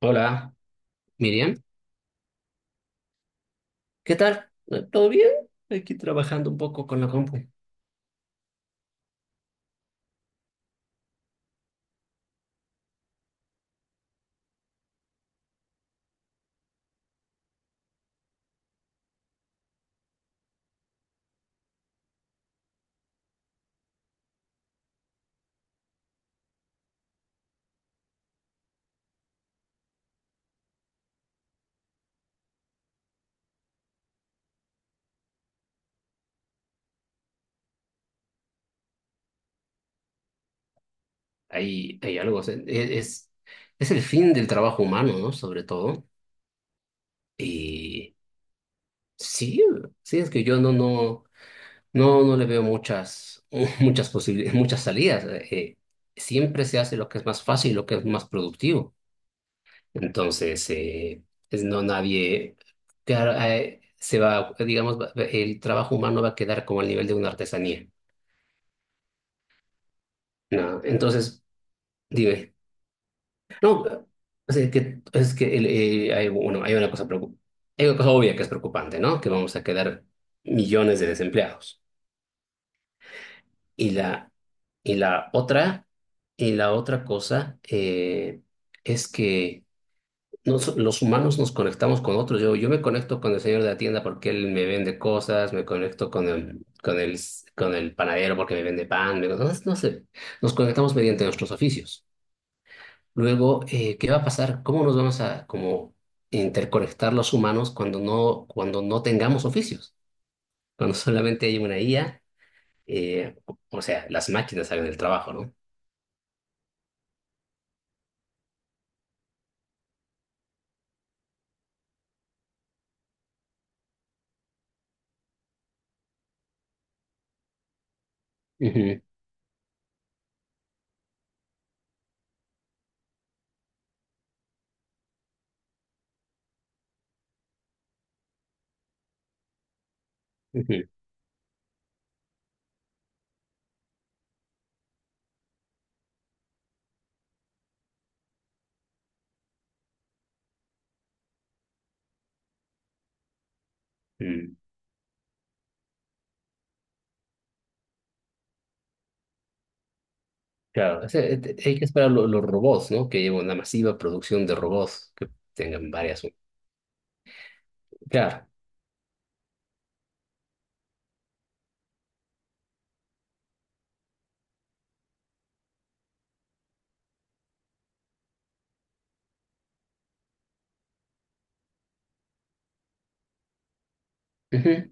Hola, Miriam. ¿Qué tal? ¿Todo bien? Aquí trabajando un poco con la compu. Hay algo, o sea, es el fin del trabajo humano, ¿no? Sobre todo. Y sí, sí, es que yo no le veo muchas, muchas posibilidades, muchas salidas. Siempre se hace lo que es más fácil, lo que es más productivo. Entonces, no nadie, claro, se va, digamos, el trabajo humano va a quedar como al nivel de una artesanía. No, entonces dime. No, o sea, que, es que el, hay, bueno, hay una cosa hay una cosa obvia que es preocupante, ¿no? Que vamos a quedar millones de desempleados. Y la, y la otra, y la otra cosa es que los humanos nos conectamos con otros. Yo me conecto con el señor de la tienda porque él me vende cosas, me conecto con con el panadero porque me vende pan, no, no sé. Nos conectamos mediante nuestros oficios. Luego, ¿qué va a pasar? ¿Cómo nos vamos a como interconectar los humanos cuando cuando no tengamos oficios? Cuando solamente hay una IA, eh, o sea, las máquinas hagan el trabajo, ¿no? Ujú, ujú, mm. Claro, o sea, hay que esperar los robots, ¿no? Que lleven una masiva producción de robots que tengan varias. Claro. Ujú,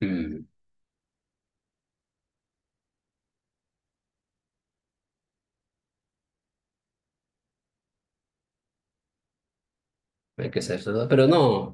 mm. Hay que hacer eso, ¿no? Pero no,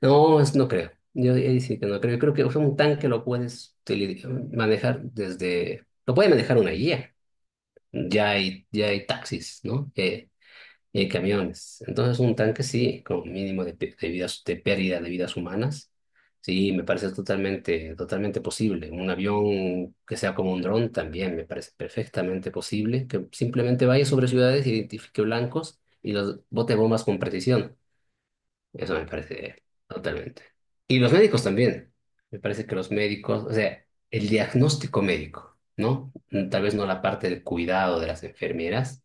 no, es, no creo. Yo ahí sí que no creo. Yo creo que o sea, un tanque lo puedes manejar desde. Lo puede manejar una guía. Ya hay taxis, ¿no? Y hay camiones. Entonces, un tanque sí, con mínimo de, de vidas, de pérdida de vidas humanas. Sí, me parece totalmente, totalmente posible. Un avión que sea como un dron también me parece perfectamente posible. Que simplemente vaya sobre ciudades, identifique blancos y los bote bombas con precisión. Eso me parece totalmente. Y los médicos también. Me parece que los médicos, o sea, el diagnóstico médico, ¿no? Mm, tal vez no la parte del cuidado de las enfermeras,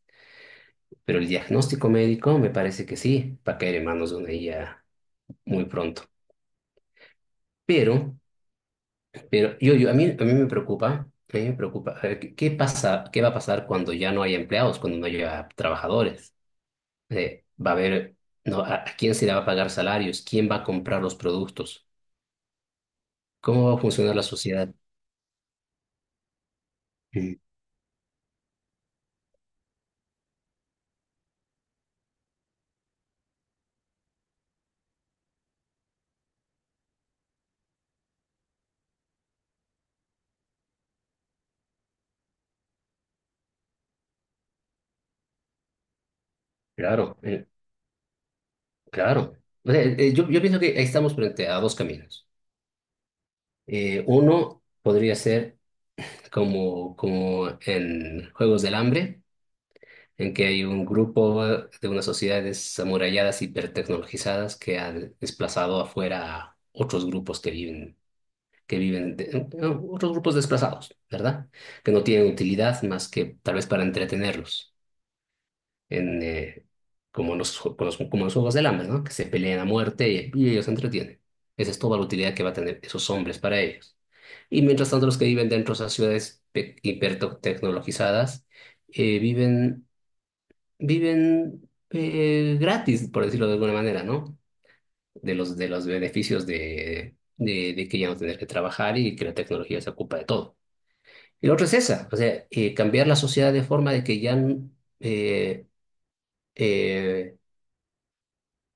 pero el diagnóstico médico me parece que sí, va a caer en manos de una IA muy pronto. Pero, pero a mí me preocupa, a mí me preocupa, a ver, qué pasa, qué va a pasar cuando ya no haya empleados, cuando no haya trabajadores? Va a haber, no, a quién se le va a pagar salarios? ¿Quién va a comprar los productos? ¿Cómo va a funcionar la sociedad? Sí, claro, claro. O sea, yo pienso que ahí estamos frente a dos caminos. Uno podría ser como, como en Juegos del Hambre, en que hay un grupo de unas sociedades amuralladas, hipertecnologizadas, que ha desplazado afuera a otros grupos que viven otros grupos desplazados, ¿verdad? Que no tienen utilidad más que tal vez para entretenerlos. En, como en los, como en los Juegos del Hambre, ¿no? Que se pelean a muerte y ellos se entretienen. Esa es toda la utilidad que va a tener esos hombres para ellos. Y mientras tanto, los que viven dentro de esas ciudades hipertecnologizadas viven, viven gratis, por decirlo de alguna manera, ¿no? De los beneficios de que ya no tener que trabajar y que la tecnología se ocupa de todo. Y la otra es esa, o sea, cambiar la sociedad de forma de que ya eh, eh,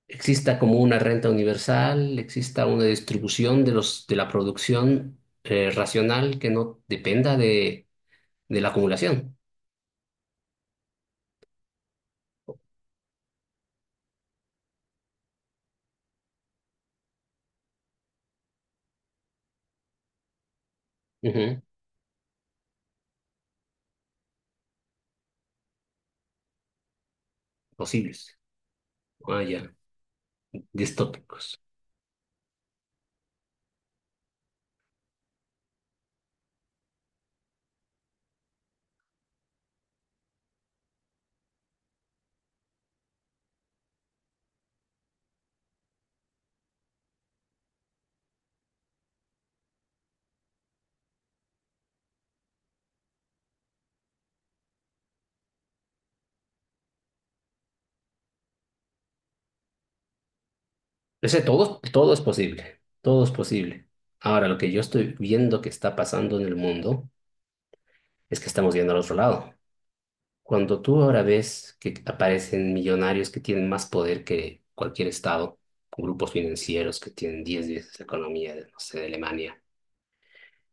exista como una renta universal, exista una distribución de los, de la producción racional que no dependa de la acumulación. Ujú. Posibles. Ah, ya. Distópicos. Ese todo, todo es posible. Todo es posible. Ahora, lo que yo estoy viendo que está pasando en el mundo es que estamos yendo al otro lado. Cuando tú ahora ves que aparecen millonarios que tienen más poder que cualquier estado, grupos financieros que tienen 10 veces la economía de, no sé, de Alemania,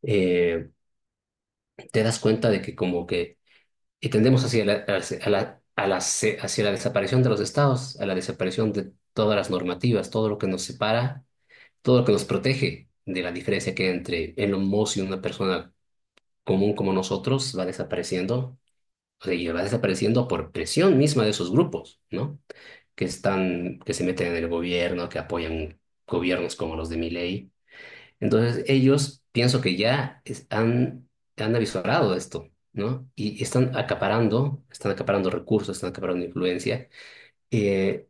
eh, te das cuenta de que como que y tendemos hacia la desaparición de los estados, a la desaparición de todas las normativas, todo lo que nos separa, todo lo que nos protege de la diferencia que hay entre el homos y una persona común como nosotros va desapareciendo, o sea, y va desapareciendo por presión misma de esos grupos, ¿no? Que están, que se meten en el gobierno, que apoyan gobiernos como los de Milei. Entonces ellos pienso que ya han, han avisorado esto, ¿no? Y están acaparando recursos, están acaparando influencia. eh,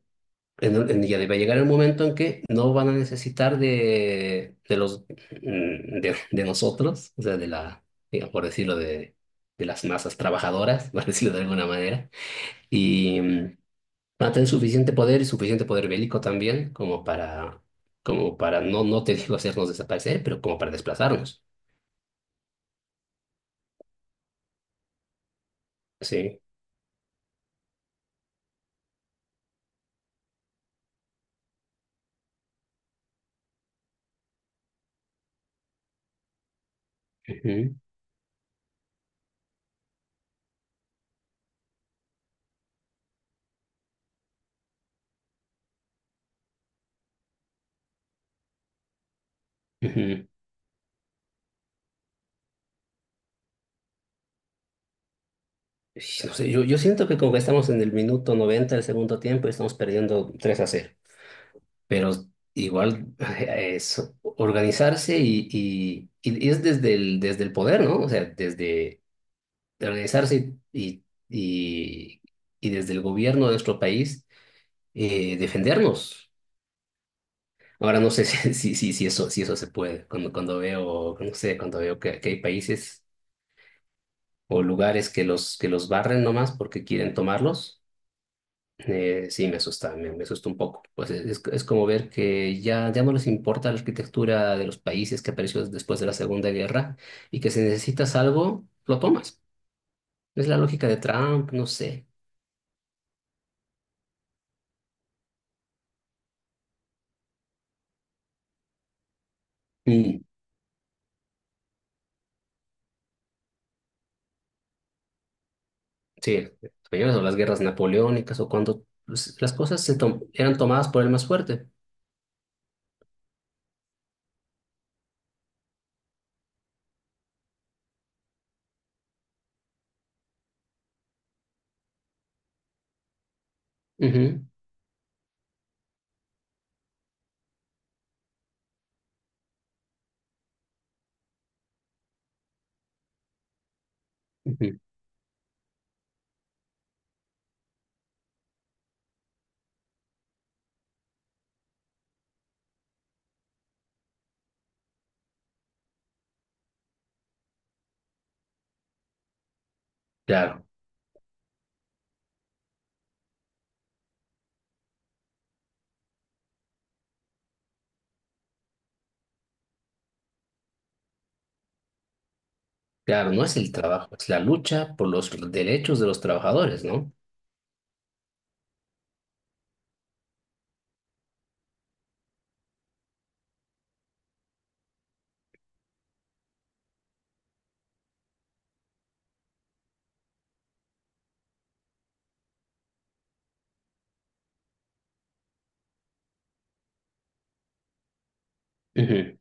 ya va a llegar el momento en que no van a necesitar de, de nosotros, o sea, de la, digamos, por decirlo, de las masas trabajadoras, por decirlo de alguna manera, y mm, van a tener suficiente poder y suficiente poder bélico también como para como para, no, no te digo hacernos desaparecer, pero como para desplazarnos. Sí. Ujú, ujú. Ish, no sé, yo siento que como que estamos en el minuto 90 del segundo tiempo y estamos perdiendo 3-0, pero igual es organizarse y es desde el poder, ¿no? O sea, desde organizarse y desde el gobierno de nuestro país defendernos. Ahora no sé si eso, si eso se puede. Cuando, cuando veo, no sé, cuando veo que hay países o lugares que los barren nomás porque quieren tomarlos. Sí, me asusta, me asusta un poco. Pues es, es como ver que ya, ya no les importa la arquitectura de los países que apareció después de la Segunda Guerra y que si necesitas algo, lo tomas. Es la lógica de Trump, no sé. Mm, sí, españoles o las guerras napoleónicas o cuando pues, las cosas se eran tomadas por el más fuerte. Ujú, ujú. Claro, claro, no es el trabajo, es la lucha por los derechos de los trabajadores, ¿no? Ujú.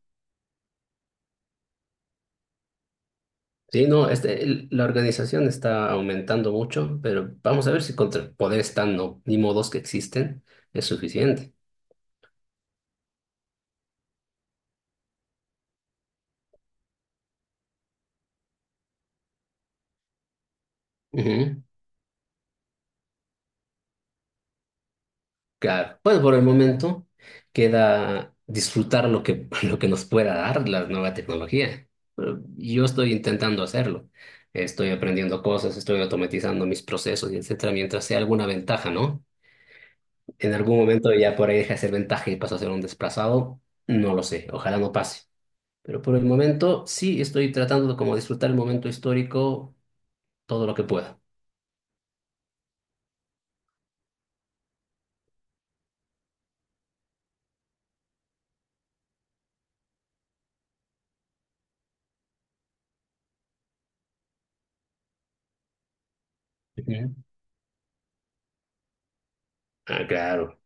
Sí, no, este, la organización está aumentando mucho, pero vamos a ver si contra el poder están no, ni modos que existen es suficiente. Ujú. Claro, pues por el momento queda disfrutar lo que, lo que nos pueda dar la nueva tecnología. Pero yo estoy intentando hacerlo. Estoy aprendiendo cosas, estoy automatizando mis procesos y etcétera, mientras sea alguna ventaja, ¿no? En algún momento ya por ahí deja de ser ventaja y pasa a ser un desplazado. No lo sé, ojalá no pase. Pero por el momento sí estoy tratando de como disfrutar el momento histórico todo lo que pueda. Ujú. Ah, claro,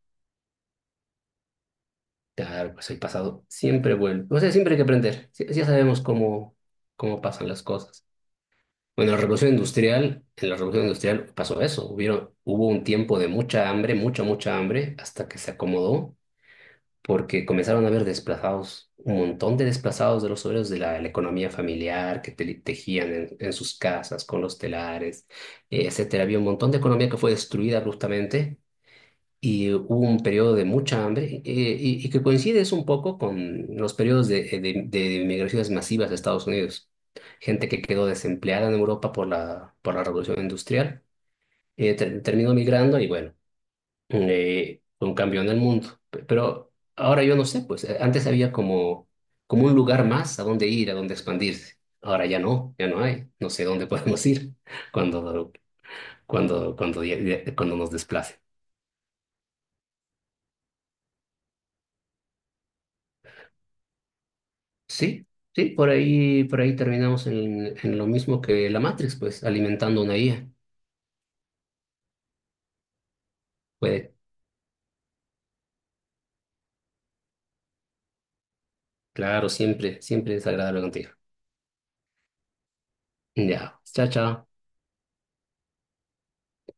claro, pues el pasado siempre vuelve. O sea, siempre hay que aprender. Sí- ya sabemos cómo, cómo pasan las cosas. Bueno, la revolución industrial, en la revolución industrial pasó eso. Hubieron, hubo un tiempo de mucha hambre, mucha, mucha hambre, hasta que se acomodó porque comenzaron a haber desplazados, un montón de desplazados de los obreros de la economía familiar que tejían en sus casas con los telares, etcétera. Había un montón de economía que fue destruida abruptamente y hubo un periodo de mucha hambre y que coincide es un poco con los periodos de, de migraciones masivas a Estados Unidos. Gente que quedó desempleada en Europa por la revolución industrial, terminó migrando y bueno un campeón del mundo. Pero ahora yo no sé, pues antes había como, como un lugar más a donde ir, a donde expandirse. Ahora ya no, ya no hay. No sé dónde podemos ir cuando, cuando, cuando nos desplacen. Sí, sí, por ahí terminamos en lo mismo que la Matrix, pues alimentando una IA. Puede, claro, siempre, siempre es agradable contigo. Ya, chao, chao.